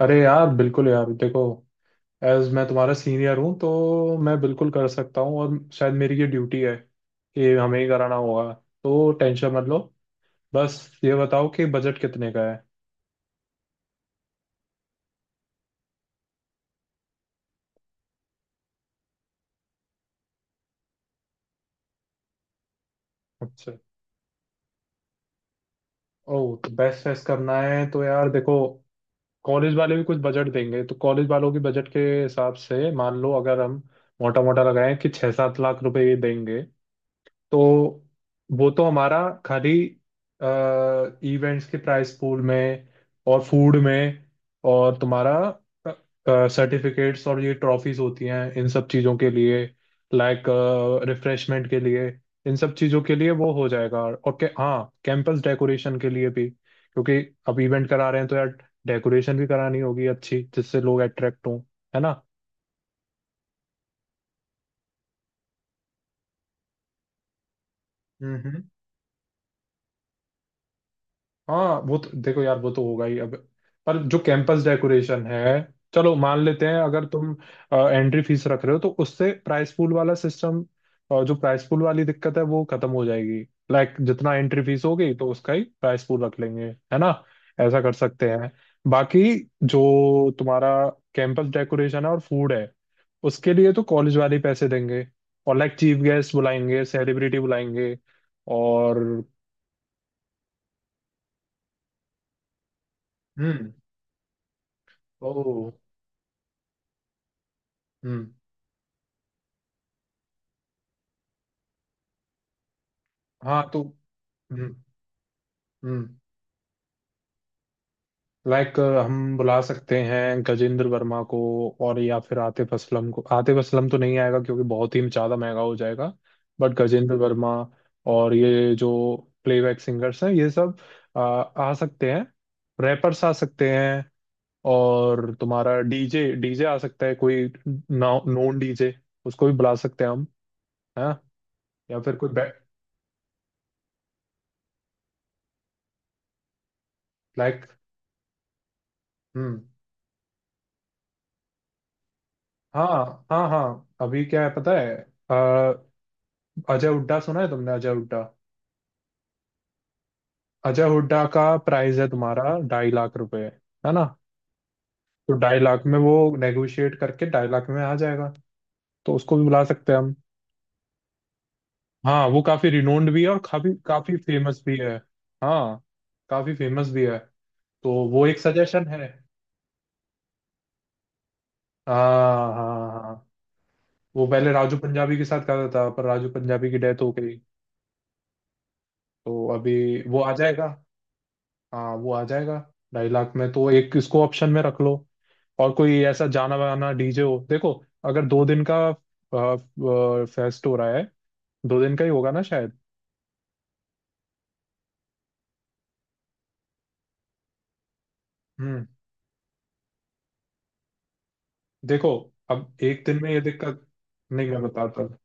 अरे यार, बिल्कुल यार, देखो। एज मैं तुम्हारा सीनियर हूँ, तो मैं बिल्कुल कर सकता हूँ, और शायद मेरी ये ड्यूटी है कि हमें ही कराना होगा। तो टेंशन मत लो। बस ये बताओ कि बजट कितने का है। अच्छा। ओह, तो बेस्ट फेस्ट करना है तो यार देखो, कॉलेज वाले भी कुछ बजट देंगे, तो कॉलेज वालों के बजट के हिसाब से मान लो, अगर हम मोटा मोटा लगाएं कि 6-7 लाख रुपए ये देंगे, तो वो तो हमारा खाली इवेंट्स के प्राइस पूल में और फूड में और तुम्हारा सर्टिफिकेट्स और ये ट्रॉफीज होती हैं, इन सब चीज़ों के लिए, लाइक रिफ्रेशमेंट के लिए, इन सब चीज़ों के लिए वो हो जाएगा। और हाँ, कैंपस डेकोरेशन के लिए भी, क्योंकि अब इवेंट करा रहे हैं तो यार, डेकोरेशन भी करानी होगी अच्छी, जिससे लोग अट्रैक्ट हों, है ना। हाँ, वो तो देखो यार, वो तो होगा ही अब। पर जो कैंपस डेकोरेशन है, चलो मान लेते हैं, अगर तुम एंट्री फीस रख रहे हो तो उससे प्राइस पूल वाला सिस्टम, जो प्राइस पूल वाली दिक्कत है, वो खत्म हो जाएगी। लाइक, जितना एंट्री फीस होगी तो उसका ही प्राइस पूल रख लेंगे, है ना। ऐसा कर सकते हैं। बाकी जो तुम्हारा कैंपस डेकोरेशन है और फूड है, उसके लिए तो कॉलेज वाले ही पैसे देंगे। और लाइक, चीफ गेस्ट बुलाएंगे, सेलिब्रिटी बुलाएंगे और हम्म। ओ। हम्म। हाँ, तो हम्म। हम्म। लाइक, हम बुला सकते हैं गजेंद्र वर्मा को, और या फिर आतिफ असलम को। आतिफ असलम तो नहीं आएगा क्योंकि बहुत ही ज्यादा महंगा हो जाएगा। बट गजेंद्र वर्मा और ये जो प्लेबैक सिंगर्स हैं ये सब आ सकते हैं। रैपर्स आ सकते हैं। और तुम्हारा डीजे डीजे आ सकता है कोई। नॉन डीजे, उसको भी बुला सकते हैं हम, है। या फिर कोई, लाइक, हम्म। हाँ हाँ हाँ। अभी क्या है पता है, अ, अजय हुड्डा सुना है तुमने? अजय हुड्डा। अजय हुड्डा का प्राइस है तुम्हारा 2.5 लाख रुपए, है ना। तो 2.5 लाख में वो नेगोशिएट करके 2.5 लाख में आ जाएगा। तो उसको भी बुला सकते हैं हम। हाँ वो काफी रिनोन्ड भी है और काफी काफी फेमस भी है। हाँ, काफी फेमस भी है। तो वो एक सजेशन है। हाँ हाँ हाँ। वो पहले राजू पंजाबी के साथ करता था पर राजू पंजाबी की डेथ हो गई। तो अभी वो आ जाएगा। हाँ, वो आ जाएगा। ढाई लाख में, तो एक इसको ऑप्शन में रख लो। और कोई ऐसा जाना माना डीजे हो, देखो। अगर दो दिन का फेस्ट हो रहा है, 2 दिन का ही होगा ना शायद। हम्म। देखो, अब एक दिन में ये दिक्कत, नहीं, मैं बताता हूँ।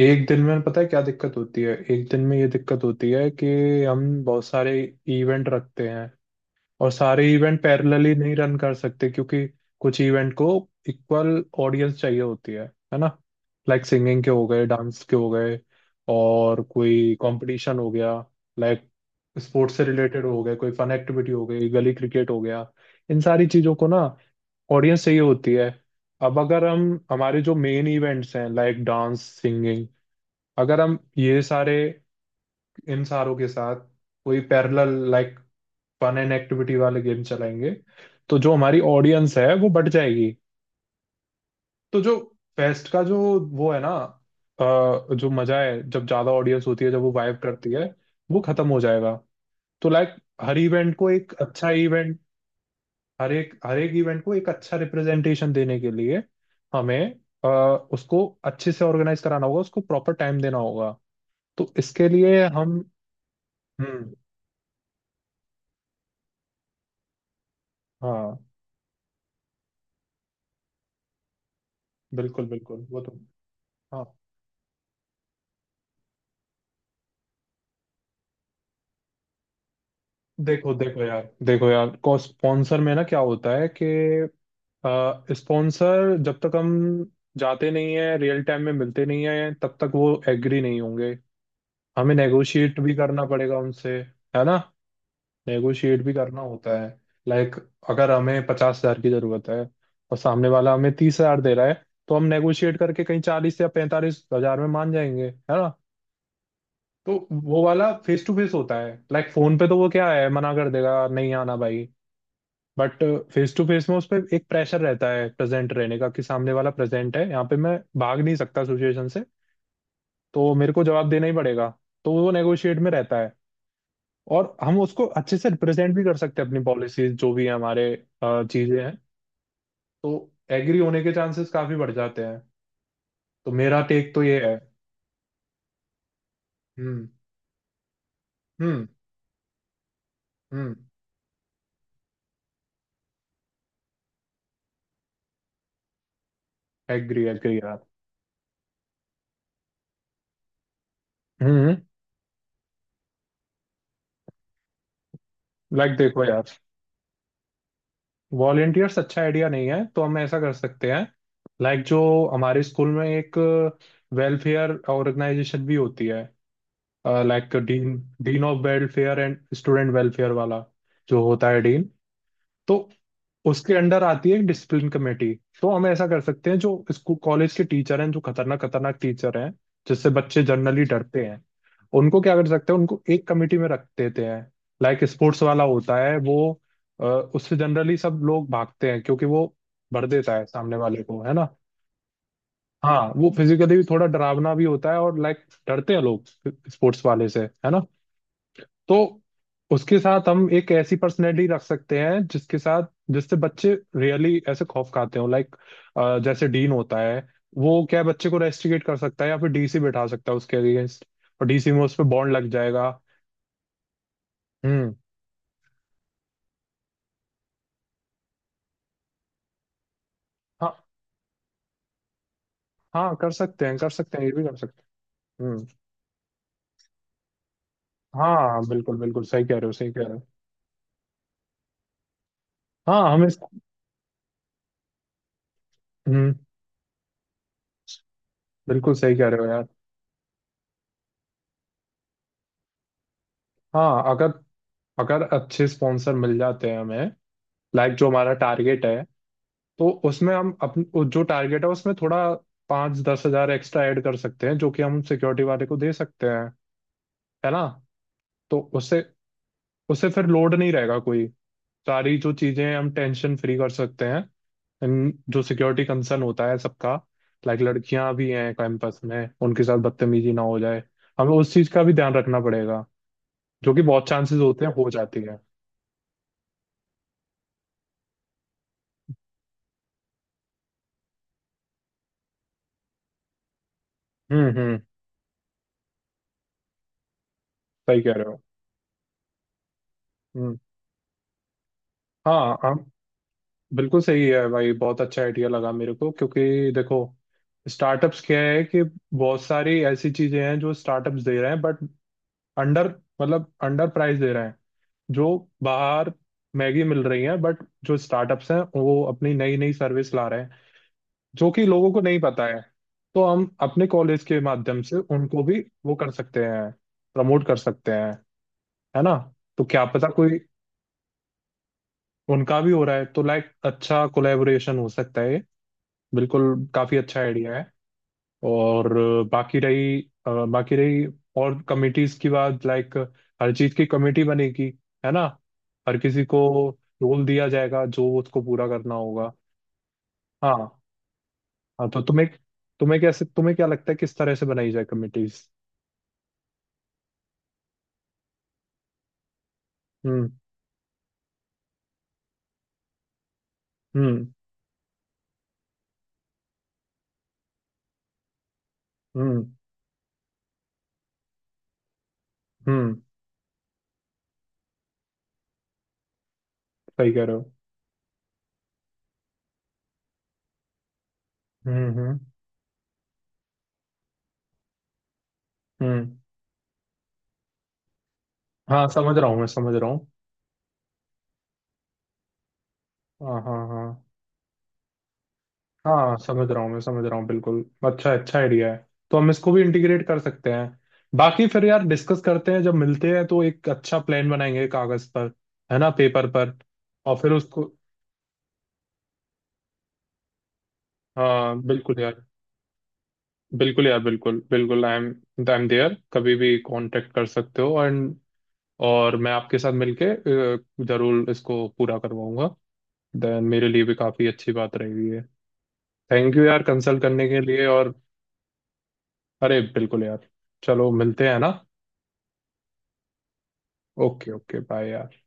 एक दिन में पता है क्या दिक्कत होती है, एक दिन में ये दिक्कत होती है कि हम बहुत सारे इवेंट रखते हैं, और सारे इवेंट पैरेलली नहीं रन कर सकते क्योंकि कुछ इवेंट को इक्वल ऑडियंस चाहिए होती है ना। लाइक, सिंगिंग के हो गए, डांस के हो गए, और कोई कंपटीशन हो गया, लाइक स्पोर्ट्स से रिलेटेड हो गए, कोई फन एक्टिविटी हो गई, गली क्रिकेट हो गया। इन सारी चीज़ों को ना ऑडियंस चाहिए होती है। अब अगर हम, हमारे जो मेन इवेंट्स हैं लाइक डांस सिंगिंग, अगर हम ये सारे, इन सारों के साथ कोई parallel like fun and activity वाले गेम चलाएंगे, तो जो हमारी ऑडियंस है वो बढ़ जाएगी। तो जो फेस्ट का जो वो है ना, जो मजा है जब ज्यादा ऑडियंस होती है, जब वो वाइब करती है, वो खत्म हो जाएगा। तो लाइक, हर इवेंट को एक अच्छा इवेंट, हर एक इवेंट को एक अच्छा रिप्रेजेंटेशन देने के लिए हमें अ, उसको अच्छे से ऑर्गेनाइज कराना होगा, उसको प्रॉपर टाइम देना होगा। तो इसके लिए हम, हम्म। हाँ बिल्कुल बिल्कुल, वो तो हाँ। देखो देखो यार, देखो यार, को स्पॉन्सर में ना क्या होता है कि स्पॉन्सर जब तक हम जाते नहीं है, रियल टाइम में मिलते नहीं है, तब तक वो एग्री नहीं होंगे। हमें नेगोशिएट भी करना पड़ेगा उनसे, है ना। नेगोशिएट भी करना होता है। लाइक, अगर हमें 50 हजार की जरूरत है और सामने वाला हमें 30 हजार दे रहा है, तो हम नेगोशिएट करके कहीं 40 या 45 हजार में मान जाएंगे, है ना। तो वो वाला फेस टू फेस होता है। लाइक फोन पे तो वो क्या है, मना कर देगा, नहीं आना भाई। बट फेस टू फेस में उस पर एक प्रेशर रहता है प्रेजेंट रहने का, कि सामने वाला प्रेजेंट है, यहाँ पे मैं भाग नहीं सकता सिचुएशन से। तो मेरे को जवाब देना ही पड़ेगा। तो वो नेगोशिएट में रहता है। और हम उसको अच्छे से रिप्रेजेंट भी कर सकते हैं, अपनी पॉलिसीज जो भी है हमारे चीजें हैं। तो एग्री होने के चांसेस काफी बढ़ जाते हैं। तो मेरा टेक तो ये है। हम्म। हम्म। हम्म। एग्री एग्री यार। हम्म। लाइक देखो यार, वॉलेंटियर्स अच्छा आइडिया नहीं है। तो हम ऐसा कर सकते हैं, लाइक जो हमारे स्कूल में एक वेलफेयर ऑर्गेनाइजेशन भी होती है, like dean, dean of welfare and student welfare वाला जो होता है डीन, तो उसके अंडर आती है डिसिप्लिन कमेटी। तो हम ऐसा कर सकते हैं, जो स्कूल कॉलेज के टीचर हैं, जो खतरनाक खतरनाक टीचर हैं जिससे बच्चे जनरली डरते हैं, उनको क्या कर सकते हैं, उनको एक कमेटी में रख देते हैं। लाइक स्पोर्ट्स वाला होता है वो, उससे जनरली सब लोग भागते हैं क्योंकि वो भर देता है सामने वाले को, है ना। हाँ, वो फिजिकली भी थोड़ा डरावना भी होता है और लाइक डरते हैं लोग स्पोर्ट्स वाले से, है ना। तो उसके साथ हम एक ऐसी पर्सनैलिटी रख सकते हैं जिसके साथ, जिससे बच्चे रियली ऐसे खौफ खाते हो, लाइक जैसे डीन होता है, वो क्या है, बच्चे को रेस्ट्रिकेट कर सकता है या फिर डीसी बैठा सकता है उसके अगेंस्ट, और डीसी में उस पर बॉन्ड लग जाएगा। हम्म। हाँ हाँ, कर सकते हैं, कर सकते हैं, ये भी कर सकते हैं। हम्म। हाँ हाँ, बिल्कुल बिल्कुल सही कह रहे हो, सही कह रहे हो। हाँ हमें। हम्म। बिल्कुल सही कह रहे हो यार। हाँ अगर, अगर अच्छे स्पॉन्सर मिल जाते हैं हमें, लाइक जो हमारा टारगेट है, तो उसमें हम अपन जो टारगेट है उसमें थोड़ा 5-10 हजार एक्स्ट्रा ऐड कर सकते हैं जो कि हम सिक्योरिटी वाले को दे सकते हैं, है ना। तो उससे, उससे फिर लोड नहीं रहेगा कोई। सारी जो चीजें हैं, हम टेंशन फ्री कर सकते हैं। जो सिक्योरिटी कंसर्न होता है सबका, लाइक लड़कियां भी हैं कैंपस में, उनके साथ बदतमीजी ना हो जाए। हमें उस चीज का भी ध्यान रखना पड़ेगा, जो कि बहुत चांसेस होते हैं, हो जाती है। हम्म, सही कह रहे हो। हम्म। हाँ हम, बिल्कुल सही है भाई, बहुत अच्छा आइडिया लगा मेरे को। क्योंकि देखो, स्टार्टअप्स क्या है कि बहुत सारी ऐसी चीजें हैं जो स्टार्टअप्स दे रहे हैं, बट अंडर, मतलब अंडर प्राइस दे रहे हैं। जो बाहर मैगी मिल रही है, बट जो स्टार्टअप्स हैं वो अपनी नई नई सर्विस ला रहे हैं जो कि लोगों को नहीं पता है। तो हम अपने कॉलेज के माध्यम से उनको भी वो कर सकते हैं, प्रमोट कर सकते हैं, है ना। तो क्या पता कोई, उनका भी हो रहा है तो लाइक अच्छा कोलेबोरेशन हो सकता है। बिल्कुल। काफी अच्छा आइडिया है। और बाकी रही और कमिटीज की बात। लाइक, हर चीज की कमेटी बनेगी, है ना। हर किसी को रोल दिया जाएगा जो उसको पूरा करना होगा। हाँ। हाँ तो तुम्हें, तुम्हें कैसे, तुम्हें क्या लगता है किस तरह से बनाई जाए कमिटीज। हम्म हम्म हम्म हम्म, सही कह रहे हो। हम्म हम्म हम्म। हाँ, समझ रहा हूँ, मैं समझ रहा हूँ। हाँ हाँ हाँ। हाँ, समझ रहा हूँ मैं, समझ रहा हूँ बिल्कुल, अच्छा अच्छा आइडिया है। तो हम इसको भी इंटीग्रेट कर सकते हैं। बाकी फिर यार डिस्कस करते हैं, जब मिलते हैं तो एक अच्छा प्लान बनाएंगे कागज पर, है ना, पेपर पर। और फिर उसको, हाँ बिल्कुल यार, बिल्कुल यार, बिल्कुल बिल्कुल, आई एम देयर, कभी भी कांटेक्ट कर सकते हो। एंड, और मैं आपके साथ मिलके अ, जरूर इसको पूरा करवाऊंगा। देन मेरे लिए भी काफी अच्छी बात रहेगी ये। थैंक यू यार, कंसल्ट करने के लिए और, अरे बिल्कुल यार, चलो मिलते हैं ना। ओके। ओके बाय यार।